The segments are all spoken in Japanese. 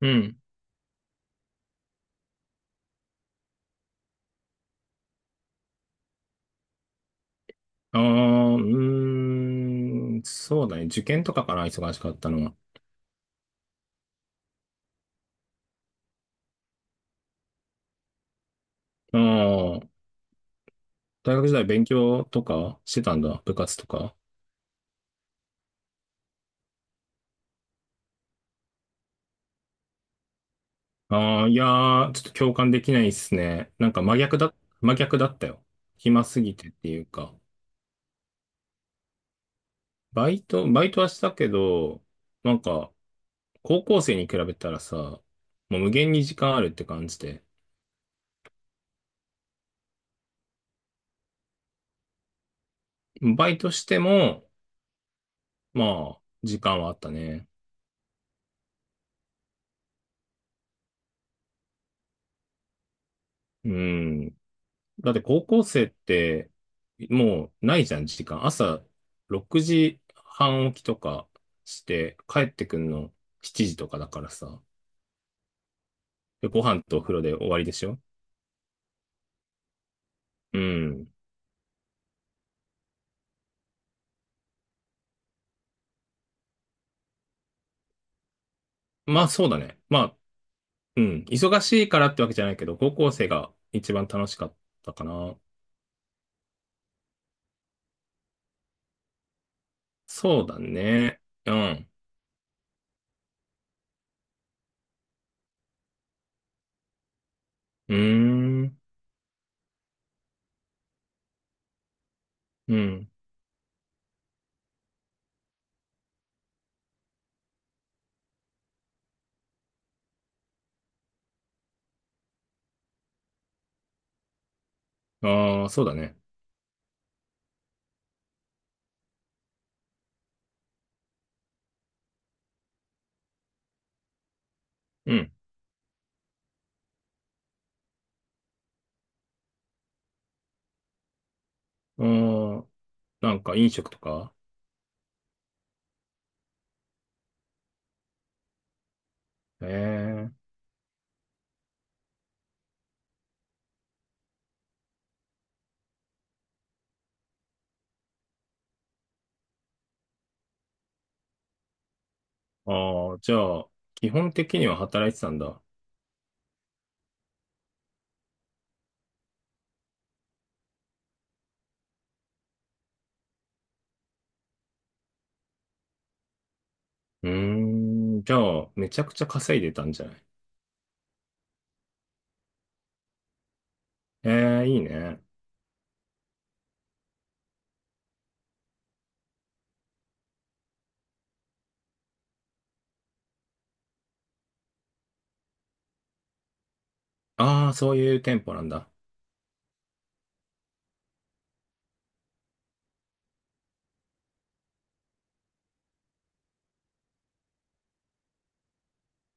うん。ああ、うーん、そうだね。受験とかかな、忙しかったのは。ああ、大学時代勉強とかしてたんだ。部活とか。ああ、いやー、ちょっと共感できないっすね。なんか真逆だったよ。暇すぎてっていうか。バイトはしたけど、なんか、高校生に比べたらさ、もう無限に時間あるって感じで。バイトしても、まあ、時間はあったね。うん。だって高校生って、もうないじゃん、時間。朝6時半起きとかして、帰ってくんの7時とかだからさ。でご飯とお風呂で終わりでしょ？うん。まあそうだね。まあ、うん。忙しいからってわけじゃないけど、高校生が一番楽しかったかな。そうだね。うん。うーん。うん。ああ、そうだね。うん。ああ、なんか飲食とか？ええ。ああ、じゃあ、基本的には働いてたんだ。うーん、じゃあ、めちゃくちゃ稼いでたんじゃない？ええ、いいね。ああ、そういう店舗なんだ。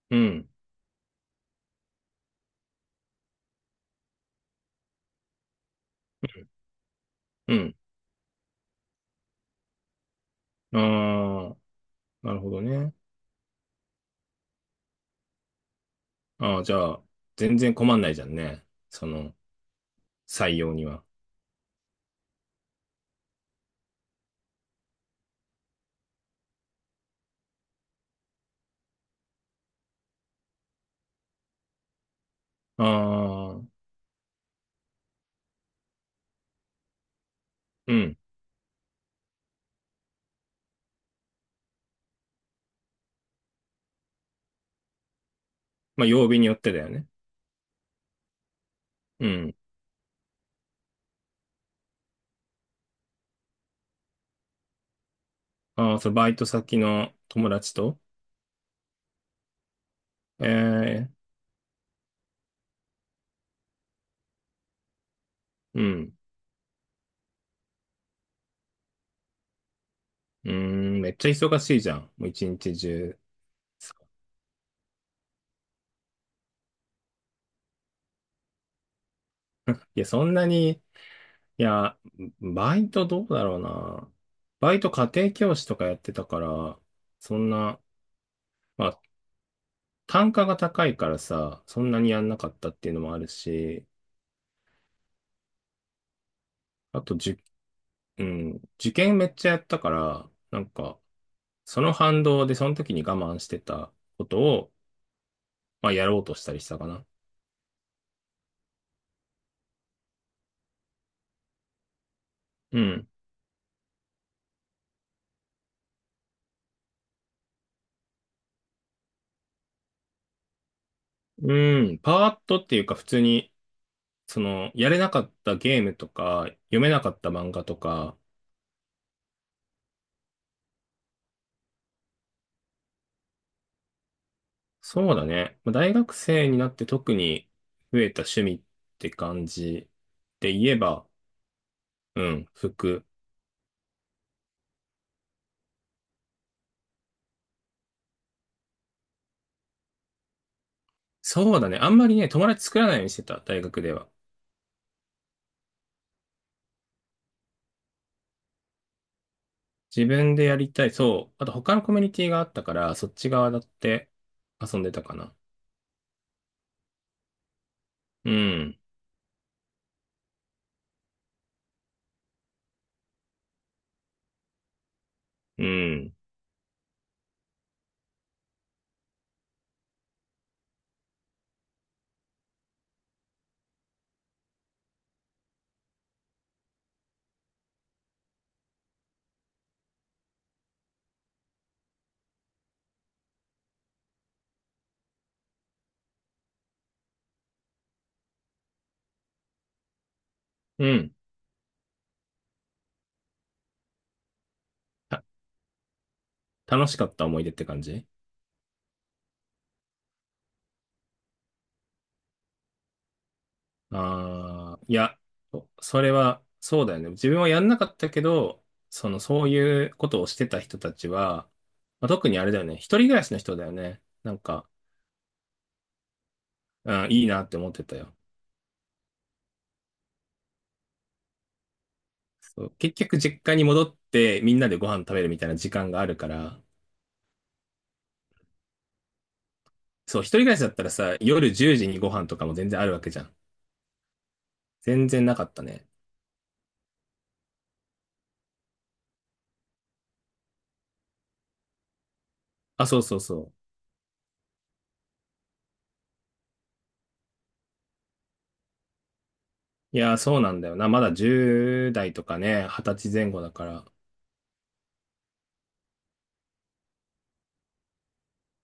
うん、うん。ああ、なるほどね。ああ、じゃあ、全然困んないじゃんね。その、採用には。ああ、うん。まあ、曜日によってだよね。うん。ああ、そう、バイト先の友達と。ええ、うん。うーん、めっちゃ忙しいじゃん。もう一日中。いや、そんなに、いや、バイトどうだろうな。バイト家庭教師とかやってたから、そんな、まあ、単価が高いからさ、そんなにやんなかったっていうのもあるし、あと、うん、受験めっちゃやったから、なんか、その反動でその時に我慢してたことを、まあ、やろうとしたりしたかな。うん。うん、パーッとっていうか、普通に、その、やれなかったゲームとか、読めなかった漫画とか、そうだね。まあ大学生になって特に増えた趣味って感じで言えば、うん、服。そうだね。あんまりね、友達作らないようにしてた、大学では。自分でやりたい。そう。あと他のコミュニティがあったから、そっち側だって遊んでたかな。うん、うん、うん。た楽しかった思い出って感じ？ああ、いや、それは、そうだよね。自分はやんなかったけど、その、そういうことをしてた人たちは、まあ、特にあれだよね。一人暮らしの人だよね。なんか、うん、いいなって思ってたよ。そう結局、実家に戻って、みんなでご飯食べるみたいな時間があるから、そう、一人暮らしだったらさ、夜10時にご飯とかも全然あるわけじゃん。全然なかったね。あ、そうそうそう。いや、そうなんだよな。まだ10代とかね、20歳前後だから。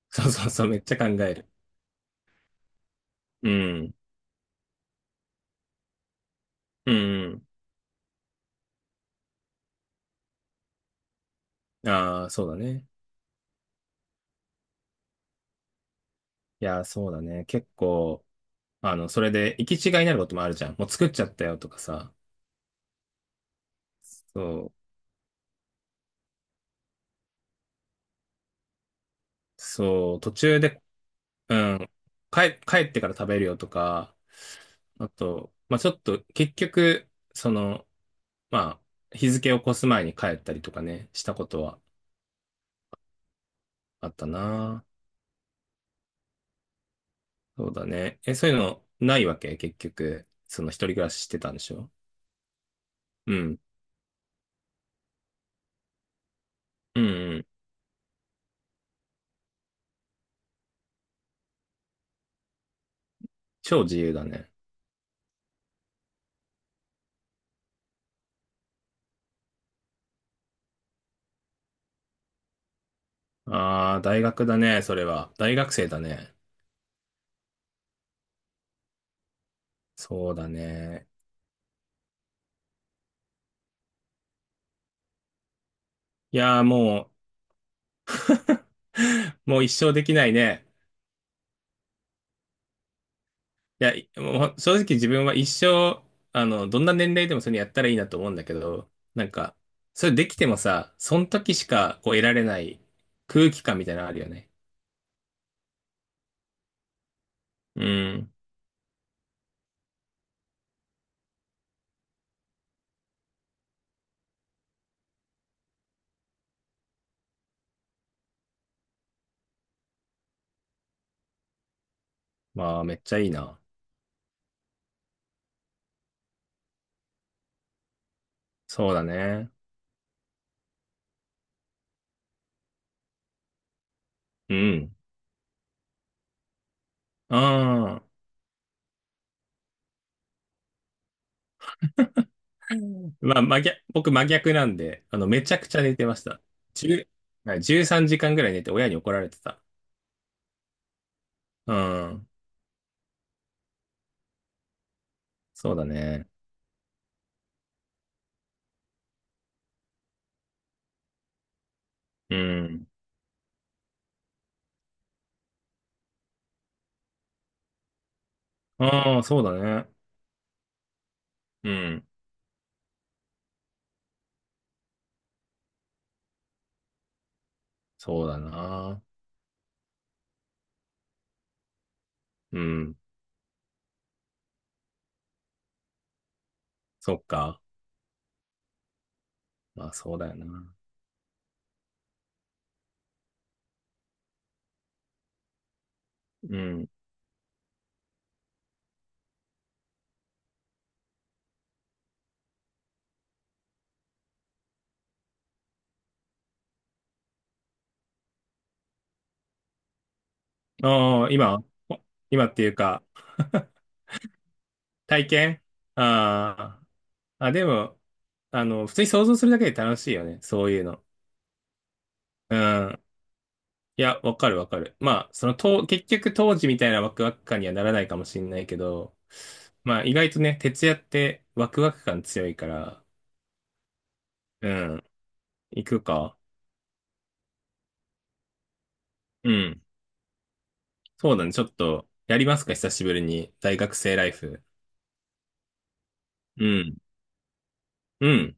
そうそうそう、めっちゃ考える。うん。うんうん。ああ、そうだね。いや、そうだね。結構、あの、それで行き違いになることもあるじゃん。もう作っちゃったよとかさ。そう、そう、途中で、うん、帰ってから食べるよとか、あと、まあちょっと、結局、その、まあ、日付を越す前に帰ったりとかね、したことはあったな。そうだね。え、そういうのないわけ？結局、その一人暮らししてたんでしょ？うん。うんうん。超自由だね。ああ、大学だね、それは。大学生だね。そうだね。いやー、もう、もう一生できないね。いや、もう正直自分は一生、あの、どんな年齢でもそれやったらいいなと思うんだけど、なんか、それできてもさ、その時しかこう得られない空気感みたいなのあるよね。うん。まあ、めっちゃいいな。そうだね。うん。ああ。うんまあ、真逆、僕真逆なんで、あの、めちゃくちゃ寝てました。10、はい3時間ぐらい寝て親に怒られてた。うん。そうだね。うん。ああ、そうだね。うん。そうだな。うん。そっか。まあ、そうだよな。うん。ああ、今、お今っていうか？ 体験？ああー。あ、でも、あの、普通に想像するだけで楽しいよね。そういうの。うん。いや、わかるわかる。まあ、その、と、結局当時みたいなワクワク感にはならないかもしれないけど、まあ、意外とね、徹夜ってワクワク感強いから、うん、行くか。うん。そうだね、ちょっと、やりますか、久しぶりに。大学生ライフ。うん。うん。